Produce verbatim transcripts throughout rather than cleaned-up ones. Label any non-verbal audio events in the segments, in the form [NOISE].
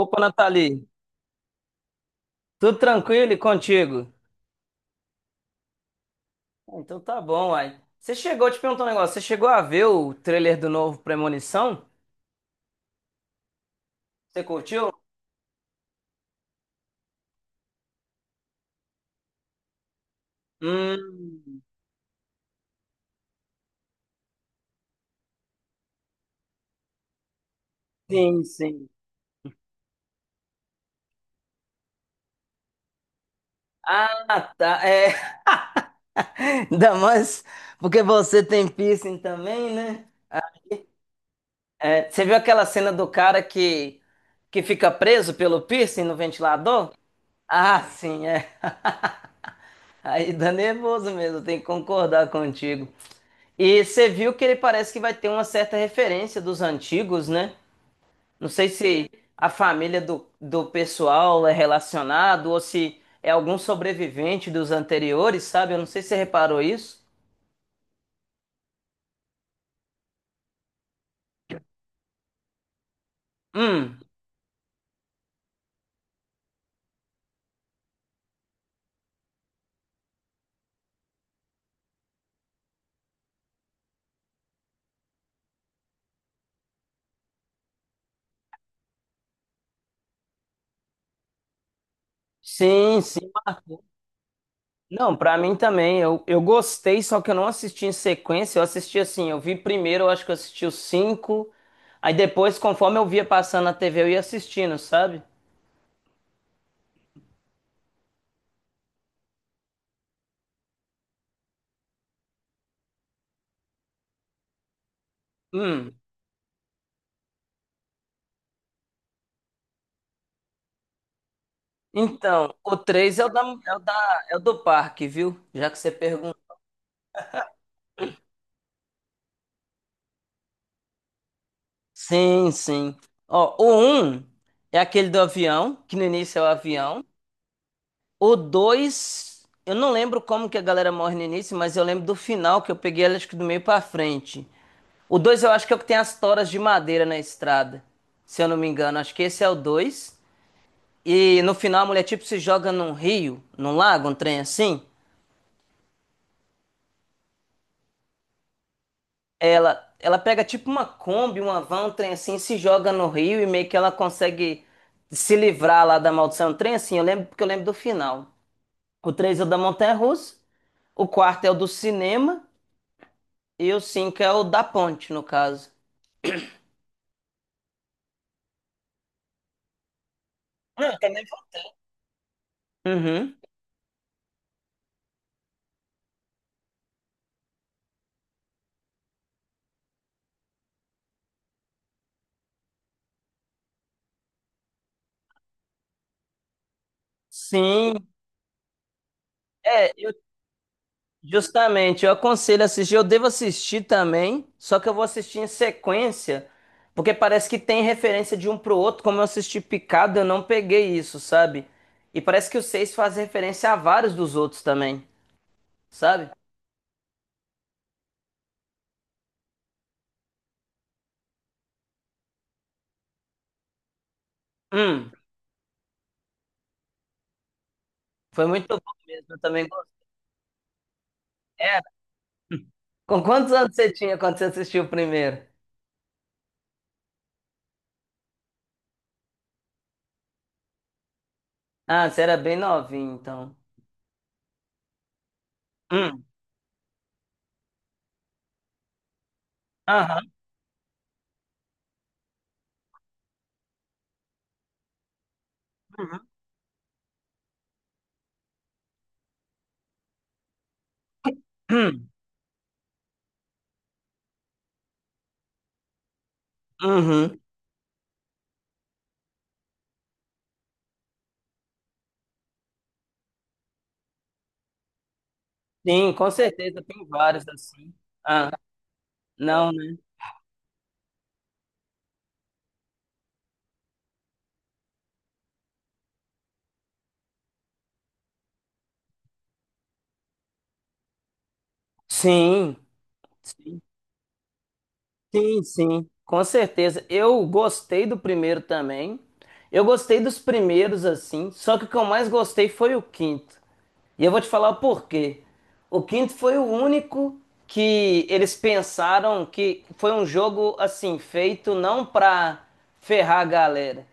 Opa, Nathalie, tudo tranquilo e contigo? Ah, então tá bom, uai. Você chegou, te perguntar um negócio, você chegou a ver o trailer do novo Premonição? Você curtiu? Hum, sim, sim. Ah, tá, é, [LAUGHS] ainda mais porque você tem piercing também, né? É, você viu aquela cena do cara que, que fica preso pelo piercing no ventilador? Ah, sim, é. Aí dá nervoso mesmo, tem que concordar contigo. E você viu que ele parece que vai ter uma certa referência dos antigos, né? Não sei se a família do, do pessoal é relacionado ou se é algum sobrevivente dos anteriores, sabe? Eu não sei se você reparou isso. Hum, sim, sim, marcou. Não, pra mim também. Eu, eu gostei, só que eu não assisti em sequência. Eu assisti assim, eu vi primeiro, eu acho que eu assisti os cinco. Aí depois, conforme eu via passando na T V, eu ia assistindo, sabe? Hum, Então, o três é o da, é o da, é o do parque, viu? Já que você perguntou. Sim, sim. Ó, o um é aquele do avião, que no início é o avião. O dois, eu não lembro como que a galera morre no início, mas eu lembro do final, que eu peguei ele acho que do meio pra frente. O dois, eu acho que é o que tem as toras de madeira na estrada, se eu não me engano. Acho que esse é o dois. E no final a mulher tipo se joga num rio, num lago, um trem assim. Ela, ela pega tipo uma Kombi, uma van, um trem assim, se joga no rio e meio que ela consegue se livrar lá da maldição. Um trem assim, eu lembro porque eu lembro do final. O três é o da montanha-russa, o quarto é o do cinema e o cinco é o da ponte, no caso. Não, também. Uhum. Sim, justamente, eu aconselho a assistir. Eu devo assistir também, só que eu vou assistir em sequência, porque parece que tem referência de um pro outro. Como eu assisti Picado, eu não peguei isso, sabe? E parece que o seis faz referência a vários dos outros também, sabe? Hum, foi muito bom mesmo. Eu também gostei. Era. Com quantos anos você tinha quando você assistiu o primeiro? Ah, você era bem novinho, então. Hum, aham, uhum, uhum. Uhum. Sim, com certeza tem vários assim. Ah, não, né? Sim. Sim, sim, sim, com certeza. Eu gostei do primeiro também. Eu gostei dos primeiros, assim. Só que o que eu mais gostei foi o quinto. E eu vou te falar o porquê. O quinto foi o único que eles pensaram que foi um jogo, assim, feito não pra ferrar a galera.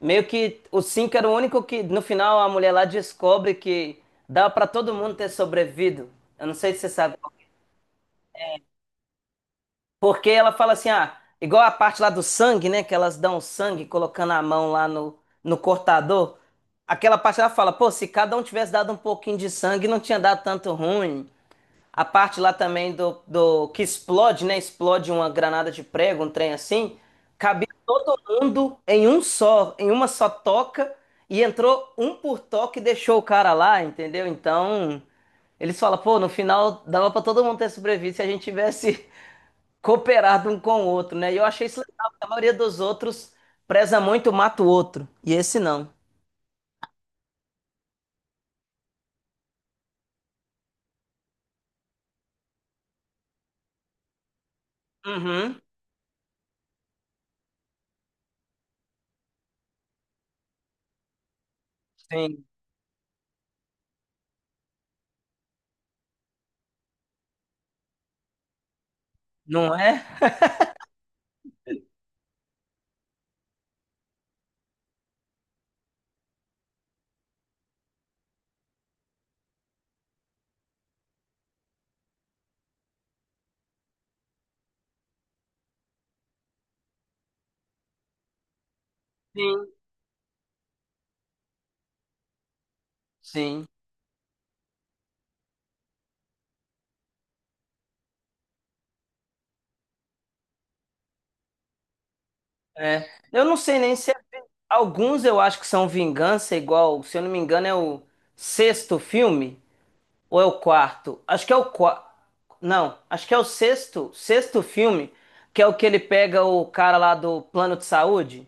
Meio que o cinco era o único que, no final, a mulher lá descobre que dá pra todo mundo ter sobrevivido. Eu não sei se você sabe. Porque ela fala assim, ah, igual a parte lá do sangue, né? Que elas dão sangue colocando a mão lá no, no cortador. Aquela parte ela fala, pô, se cada um tivesse dado um pouquinho de sangue, não tinha dado tanto ruim. A parte lá também do, do que explode, né? Explode uma granada de prego, um trem assim. Cabia todo mundo em um só, em uma só toca. E entrou um por toque e deixou o cara lá, entendeu? Então, eles falam, pô, no final dava pra todo mundo ter sobrevivido se a gente tivesse cooperar de um com o outro, né? E eu achei isso legal, porque a maioria dos outros preza muito, mata o outro. E esse não. Uhum. Sim. Não é? Sim. Sim. É. Eu não sei nem se é... Alguns eu acho que são vingança, igual, se eu não me engano, é o sexto filme, ou é o quarto? Acho que é o quarto. Não, acho que é o sexto, sexto filme, que é o que ele pega o cara lá do plano de saúde.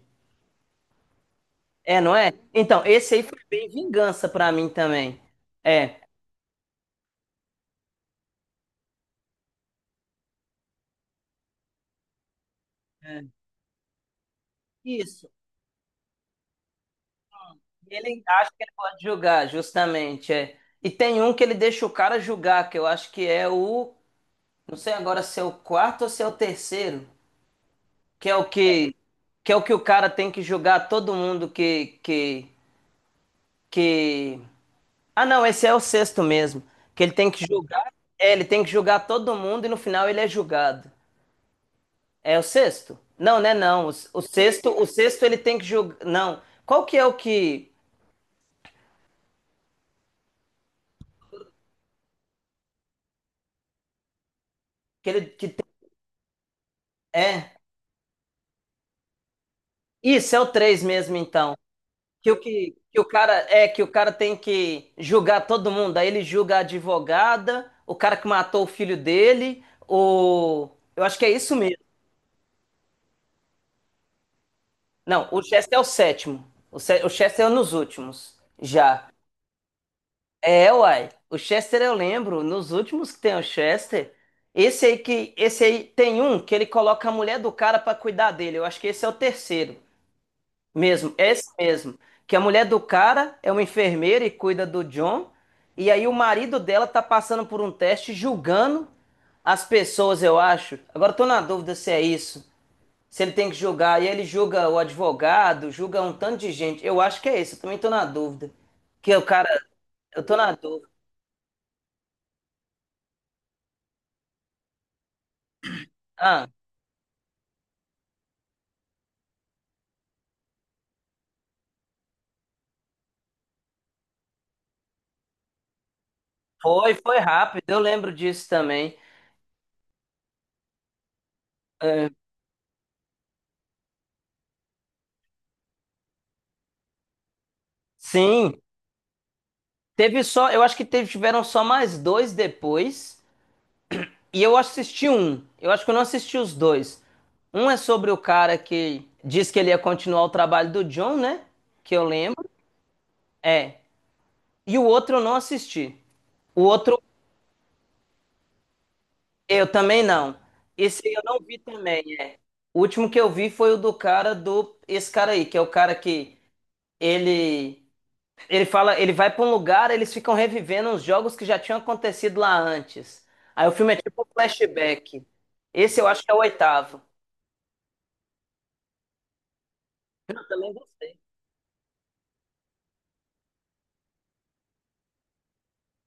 É, não é? Então, esse aí foi bem vingança pra mim também. É. É, isso. E Ele acha que ele pode julgar, justamente, é. E tem um que ele deixa o cara julgar, que eu acho que é o, não sei agora se é o quarto ou se é o terceiro, que é o que que é o que o cara tem que julgar todo mundo que que que. Ah, não, esse é o sexto mesmo, que ele tem que julgar, é, ele tem que julgar todo mundo e no final ele é julgado. É o sexto? Não, né, não. O, o sexto, o sexto ele tem que julgar, não. Qual que é o que que ele que tem... É. Isso é o três mesmo, então. Que o que, que o cara é que o cara tem que julgar todo mundo. Aí ele julga a advogada, o cara que matou o filho dele, o eu acho que é isso mesmo. Não, o Chester é o sétimo. O, Che- o Chester é nos últimos. Já. É, uai. O Chester eu lembro, nos últimos que tem o Chester. Esse aí que esse aí tem um que ele coloca a mulher do cara pra cuidar dele. Eu acho que esse é o terceiro. Mesmo, esse mesmo. Que a mulher do cara é uma enfermeira e cuida do John. E aí o marido dela tá passando por um teste julgando as pessoas, eu acho. Agora eu tô na dúvida se é isso. Se ele tem que julgar. E ele julga o advogado, julga um tanto de gente. Eu acho que é isso. Eu também tô na dúvida. Que o cara. Eu tô na dúvida. Ah, foi, foi rápido. Eu lembro disso também. É, sim. Teve só. Eu acho que teve, tiveram só mais dois depois. E eu assisti um. Eu acho que eu não assisti os dois. Um é sobre o cara que diz que ele ia continuar o trabalho do John, né? Que eu lembro. É. E o outro eu não assisti. O outro eu também não. Esse aí eu não vi também. O último que eu vi foi o do cara do esse cara aí, que é o cara que ele ele fala, ele vai pra um lugar, eles ficam revivendo uns jogos que já tinham acontecido lá antes. Aí o filme é tipo um flashback. Esse eu acho que é o oitavo. Eu também.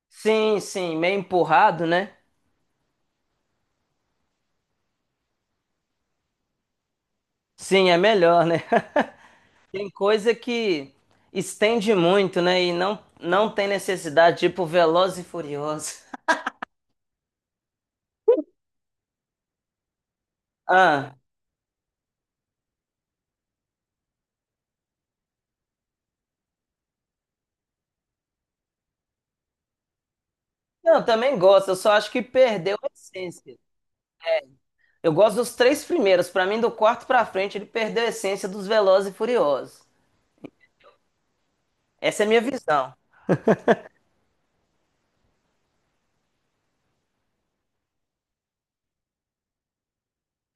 Sim, sim, meio empurrado, né? Sim, é melhor, né? [LAUGHS] Tem coisa que estende muito, né? E não, não tem necessidade, tipo Veloz e Furioso. [LAUGHS] Ah, não, eu também gosto, eu só acho que perdeu a essência. Eu gosto dos três primeiros, pra mim, do quarto pra frente, ele perdeu a essência dos Veloz e Furiosos. Essa é a minha visão.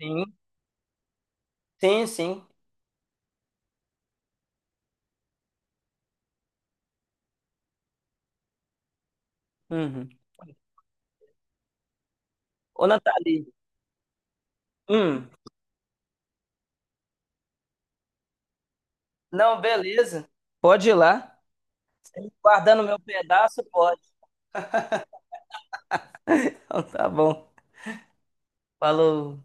Sim, sim, sim. Uhum. Ô, Nathalie. Hum. Não, beleza. Pode ir lá. Guardando meu pedaço, pode. [LAUGHS] Então, tá bom. Falou.